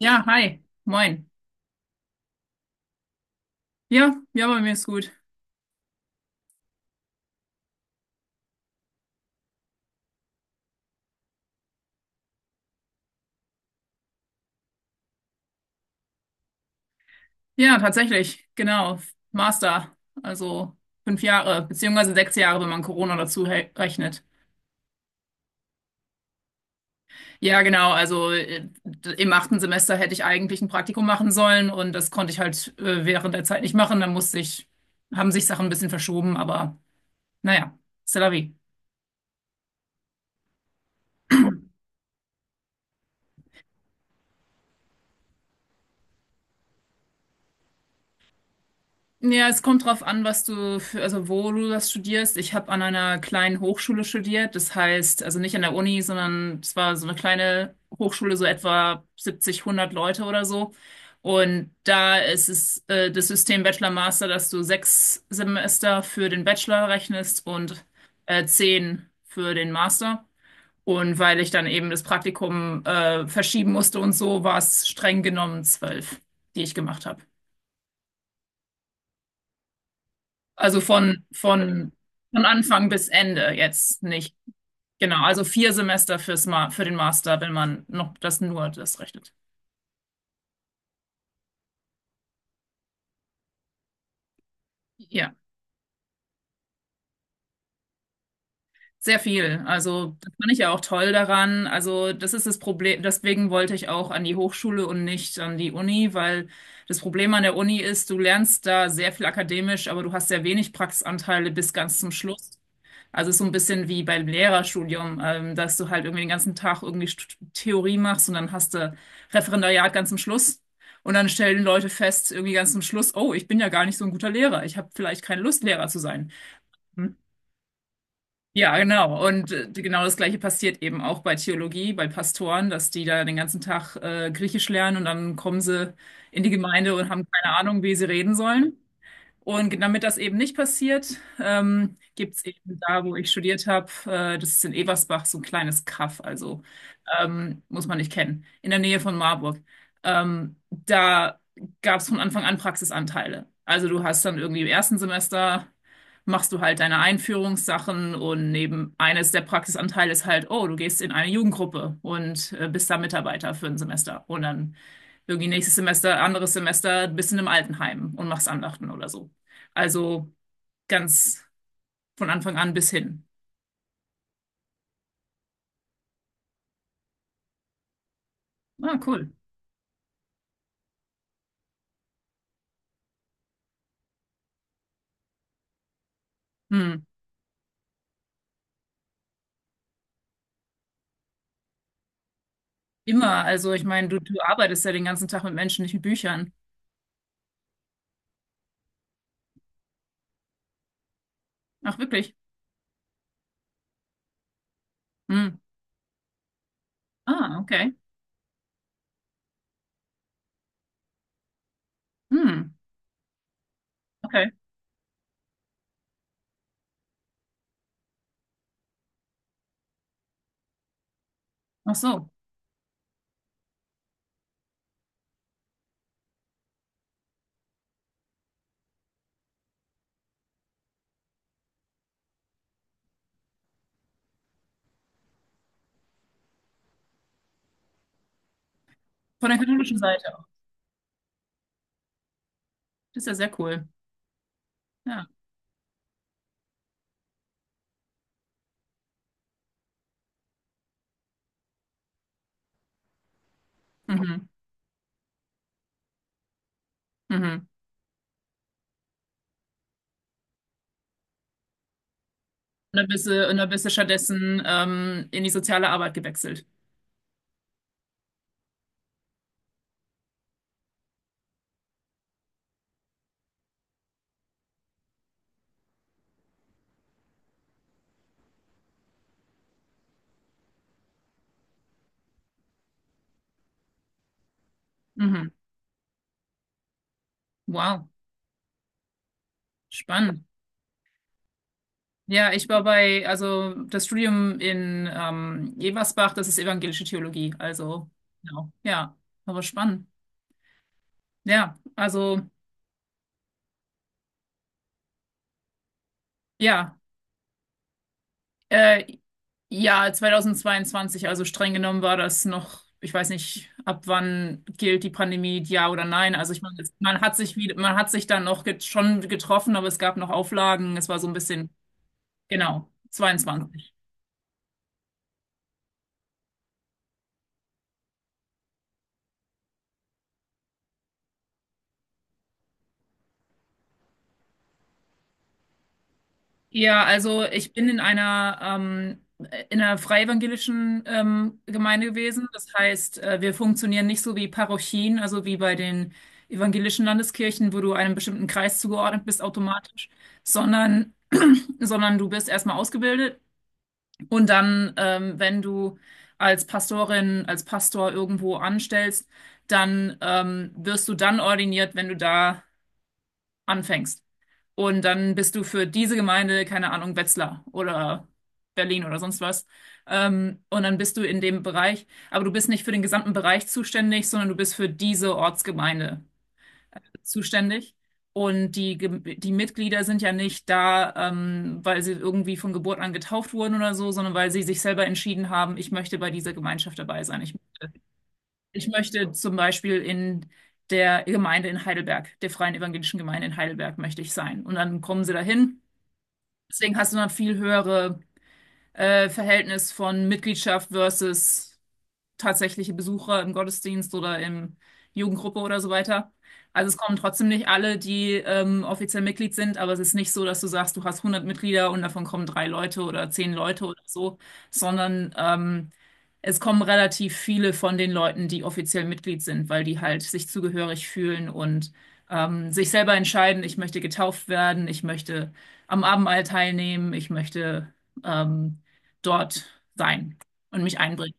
Ja, hi, moin. Ja, ja, bei mir ist gut. Ja, tatsächlich, genau. Master, also 5 Jahre, beziehungsweise 6 Jahre, wenn man Corona dazu rechnet. Ja, genau, also im achten Semester hätte ich eigentlich ein Praktikum machen sollen und das konnte ich halt während der Zeit nicht machen. Dann musste ich, haben sich Sachen ein bisschen verschoben, aber naja, c'est la vie. Ja, es kommt drauf an, was du, für, also wo du das studierst. Ich habe an einer kleinen Hochschule studiert. Das heißt, also nicht an der Uni, sondern es war so eine kleine Hochschule, so etwa 70, 100 Leute oder so. Und da ist es das System Bachelor Master, dass du 6 Semester für den Bachelor rechnest und 10 für den Master. Und weil ich dann eben das Praktikum verschieben musste und so, war es streng genommen 12, die ich gemacht habe. Also von Anfang bis Ende jetzt nicht. Genau, also 4 Semester fürs Ma für den Master, wenn man noch das nur das rechnet. Ja, sehr viel. Also das fand ich ja auch toll daran. Also das ist das Problem. Deswegen wollte ich auch an die Hochschule und nicht an die Uni, weil das Problem an der Uni ist, du lernst da sehr viel akademisch, aber du hast sehr wenig Praxisanteile bis ganz zum Schluss. Also ist so ein bisschen wie beim Lehrerstudium, dass du halt irgendwie den ganzen Tag irgendwie Theorie machst und dann hast du Referendariat ganz am Schluss. Und dann stellen Leute fest, irgendwie ganz am Schluss, oh, ich bin ja gar nicht so ein guter Lehrer. Ich habe vielleicht keine Lust, Lehrer zu sein. Hm? Ja, genau. Und genau das Gleiche passiert eben auch bei Theologie, bei Pastoren, dass die da den ganzen Tag Griechisch lernen und dann kommen sie in die Gemeinde und haben keine Ahnung, wie sie reden sollen. Und damit das eben nicht passiert, gibt es eben da, wo ich studiert habe, das ist in Eversbach, so ein kleines Kaff, also muss man nicht kennen, in der Nähe von Marburg. Da gab es von Anfang an Praxisanteile. Also du hast dann irgendwie im ersten Semester machst du halt deine Einführungssachen und neben eines der Praxisanteile ist halt, oh, du gehst in eine Jugendgruppe und bist da Mitarbeiter für ein Semester. Und dann irgendwie nächstes Semester, anderes Semester, bist in einem Altenheim und machst Andachten oder so. Also ganz von Anfang an bis hin. Ah, cool. Hm. Immer. Also ich meine, du arbeitest ja den ganzen Tag mit Menschen, nicht mit Büchern. Ach, wirklich? Hm. Ah, okay. Hm. Okay. Ach so. Von der katholischen Seite auch. Das ist ja sehr cool. Ja. Mhm. Mhm. Und dann bist du stattdessen in die soziale Arbeit gewechselt. Mhm. Wow. Spannend. Ja, ich war bei, also das Studium in Eversbach, das ist evangelische Theologie. Also, genau. Ja, aber spannend. Ja, also ja, äh, ja, 2022, also streng genommen war das noch, ich weiß nicht, ab wann gilt die Pandemie, ja oder nein. Also ich meine, man hat sich wieder, man hat sich dann noch get schon getroffen, aber es gab noch Auflagen. Es war so ein bisschen, genau, 22. Ja, also ich bin in einer, in einer freievangelischen Gemeinde gewesen. Das heißt, wir funktionieren nicht so wie Parochien, also wie bei den evangelischen Landeskirchen, wo du einem bestimmten Kreis zugeordnet bist automatisch, sondern, sondern du bist erstmal ausgebildet und dann, wenn du als Pastorin, als Pastor irgendwo anstellst, dann wirst du dann ordiniert, wenn du da anfängst. Und dann bist du für diese Gemeinde, keine Ahnung, Wetzlar oder Berlin oder sonst was. Und dann bist du in dem Bereich, aber du bist nicht für den gesamten Bereich zuständig, sondern du bist für diese Ortsgemeinde zuständig. Und die, die Mitglieder sind ja nicht da, weil sie irgendwie von Geburt an getauft wurden oder so, sondern weil sie sich selber entschieden haben, ich möchte bei dieser Gemeinschaft dabei sein. Ich möchte zum Beispiel in der Gemeinde in Heidelberg, der Freien Evangelischen Gemeinde in Heidelberg, möchte ich sein. Und dann kommen sie dahin. Deswegen hast du noch ein viel höhere Verhältnis von Mitgliedschaft versus tatsächliche Besucher im Gottesdienst oder in Jugendgruppe oder so weiter. Also es kommen trotzdem nicht alle, die offiziell Mitglied sind, aber es ist nicht so, dass du sagst, du hast 100 Mitglieder und davon kommen drei Leute oder 10 Leute oder so, sondern es kommen relativ viele von den Leuten, die offiziell Mitglied sind, weil die halt sich zugehörig fühlen und sich selber entscheiden, ich möchte getauft werden, ich möchte am Abendmahl teilnehmen, ich möchte ähm, dort sein und mich einbringen.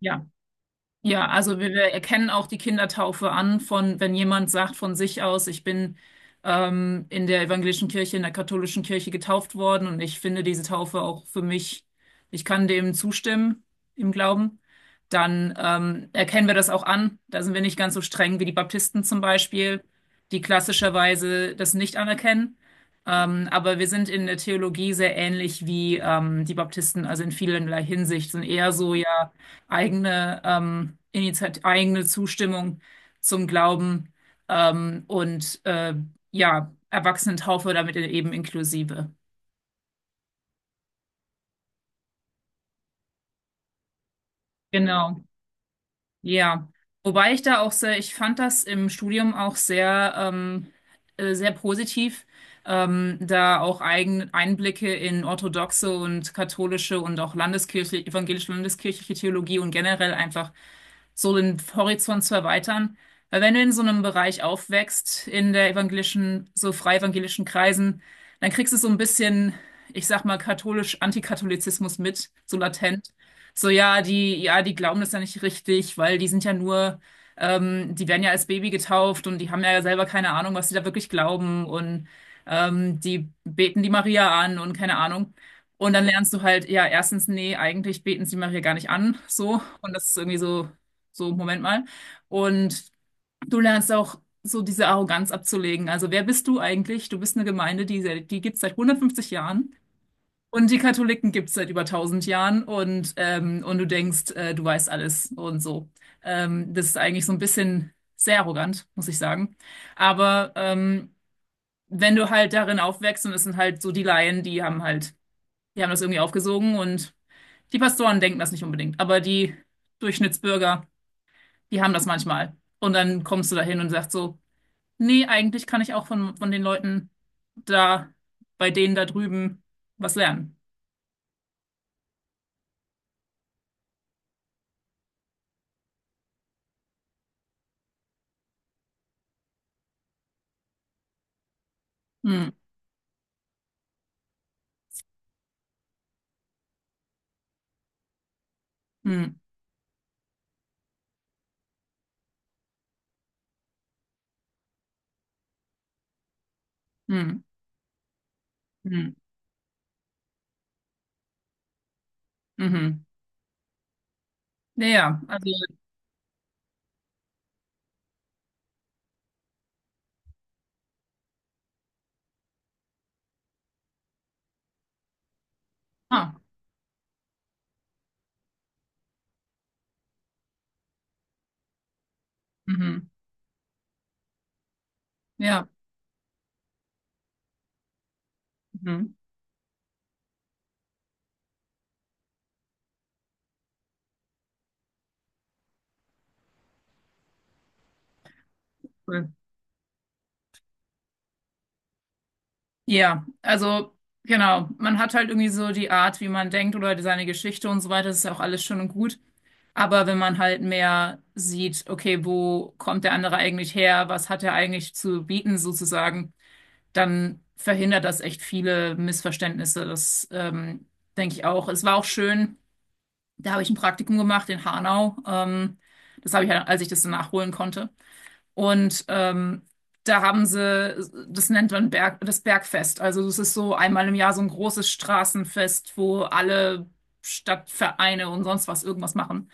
Ja. Ja, also wir erkennen auch die Kindertaufe an, von wenn jemand sagt von sich aus, ich bin in der evangelischen Kirche, in der katholischen Kirche getauft worden und ich finde diese Taufe auch für mich, ich kann dem zustimmen im Glauben, dann erkennen wir das auch an. Da sind wir nicht ganz so streng wie die Baptisten zum Beispiel, die klassischerweise das nicht anerkennen. Aber wir sind in der Theologie sehr ähnlich wie die Baptisten, also in vielerlei Hinsicht, sind eher so ja eigene Initiat eigene Zustimmung zum Glauben und ja, Erwachsenentaufe damit eben inklusive. Genau, ja. Wobei ich da auch sehr, ich fand das im Studium auch sehr, sehr positiv, da auch eigene Einblicke in orthodoxe und katholische und auch landeskirchliche, evangelische landeskirchliche Theologie und generell einfach so den Horizont zu erweitern. Weil wenn du in so einem Bereich aufwächst, in der evangelischen, so frei evangelischen Kreisen, dann kriegst du so ein bisschen, ich sag mal, katholisch Antikatholizismus mit, so latent. So, ja, die glauben das ja nicht richtig, weil die sind ja nur, die werden ja als Baby getauft und die haben ja selber keine Ahnung, was sie da wirklich glauben und die beten die Maria an und keine Ahnung. Und dann lernst du halt, ja, erstens, nee, eigentlich beten sie Maria gar nicht an, so. Und das ist irgendwie so so, Moment mal. Und du lernst auch so diese Arroganz abzulegen. Also, wer bist du eigentlich? Du bist eine Gemeinde, die gibt es seit 150 Jahren und die Katholiken gibt es seit über 1000 Jahren und du denkst, du weißt alles und so. Das ist eigentlich so ein bisschen sehr arrogant, muss ich sagen. Aber wenn du halt darin aufwächst und es sind halt so die Laien, die haben das irgendwie aufgesogen und die Pastoren denken das nicht unbedingt, aber die Durchschnittsbürger, die haben das manchmal. Und dann kommst du da hin und sagst so, nee, eigentlich kann ich auch von den Leuten da, bei denen da drüben was lernen. Hm, hm, hm, hm, mhm. Ja, ja, also, ah, mhm, ja, mhm, cool. Ja, also, genau, man hat halt irgendwie so die Art, wie man denkt oder seine Geschichte und so weiter, das ist ja auch alles schön und gut. Aber wenn man halt mehr sieht, okay, wo kommt der andere eigentlich her, was hat er eigentlich zu bieten sozusagen, dann verhindert das echt viele Missverständnisse. Das denke ich auch. Es war auch schön, da habe ich ein Praktikum gemacht in Hanau. Das habe ich, ja, als ich das dann nachholen konnte. Und da haben sie, das nennt man das Bergfest. Also das ist so einmal im Jahr so ein großes Straßenfest, wo alle Stadtvereine und sonst was irgendwas machen.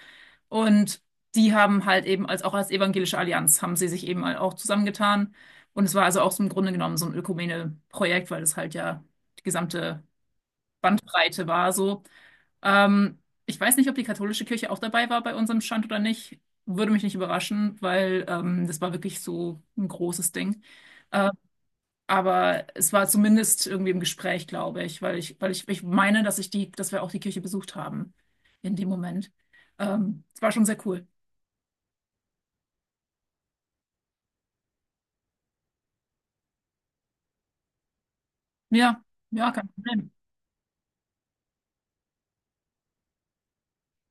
Und die haben halt eben als auch als Evangelische Allianz haben sie sich eben halt auch zusammengetan. Und es war also auch so im Grunde genommen so ein Ökumene-Projekt, weil es halt ja die gesamte Bandbreite war so. Ähm, ich weiß nicht, ob die katholische Kirche auch dabei war bei unserem Stand oder nicht. Würde mich nicht überraschen, weil das war wirklich so ein großes Ding. Äh, aber es war zumindest irgendwie im Gespräch, glaube ich, weil ich, ich meine, dass wir auch die Kirche besucht haben in dem Moment. Es war schon sehr cool. Ja, ja, kein Problem.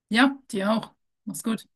Ja, dir auch. Mach's gut.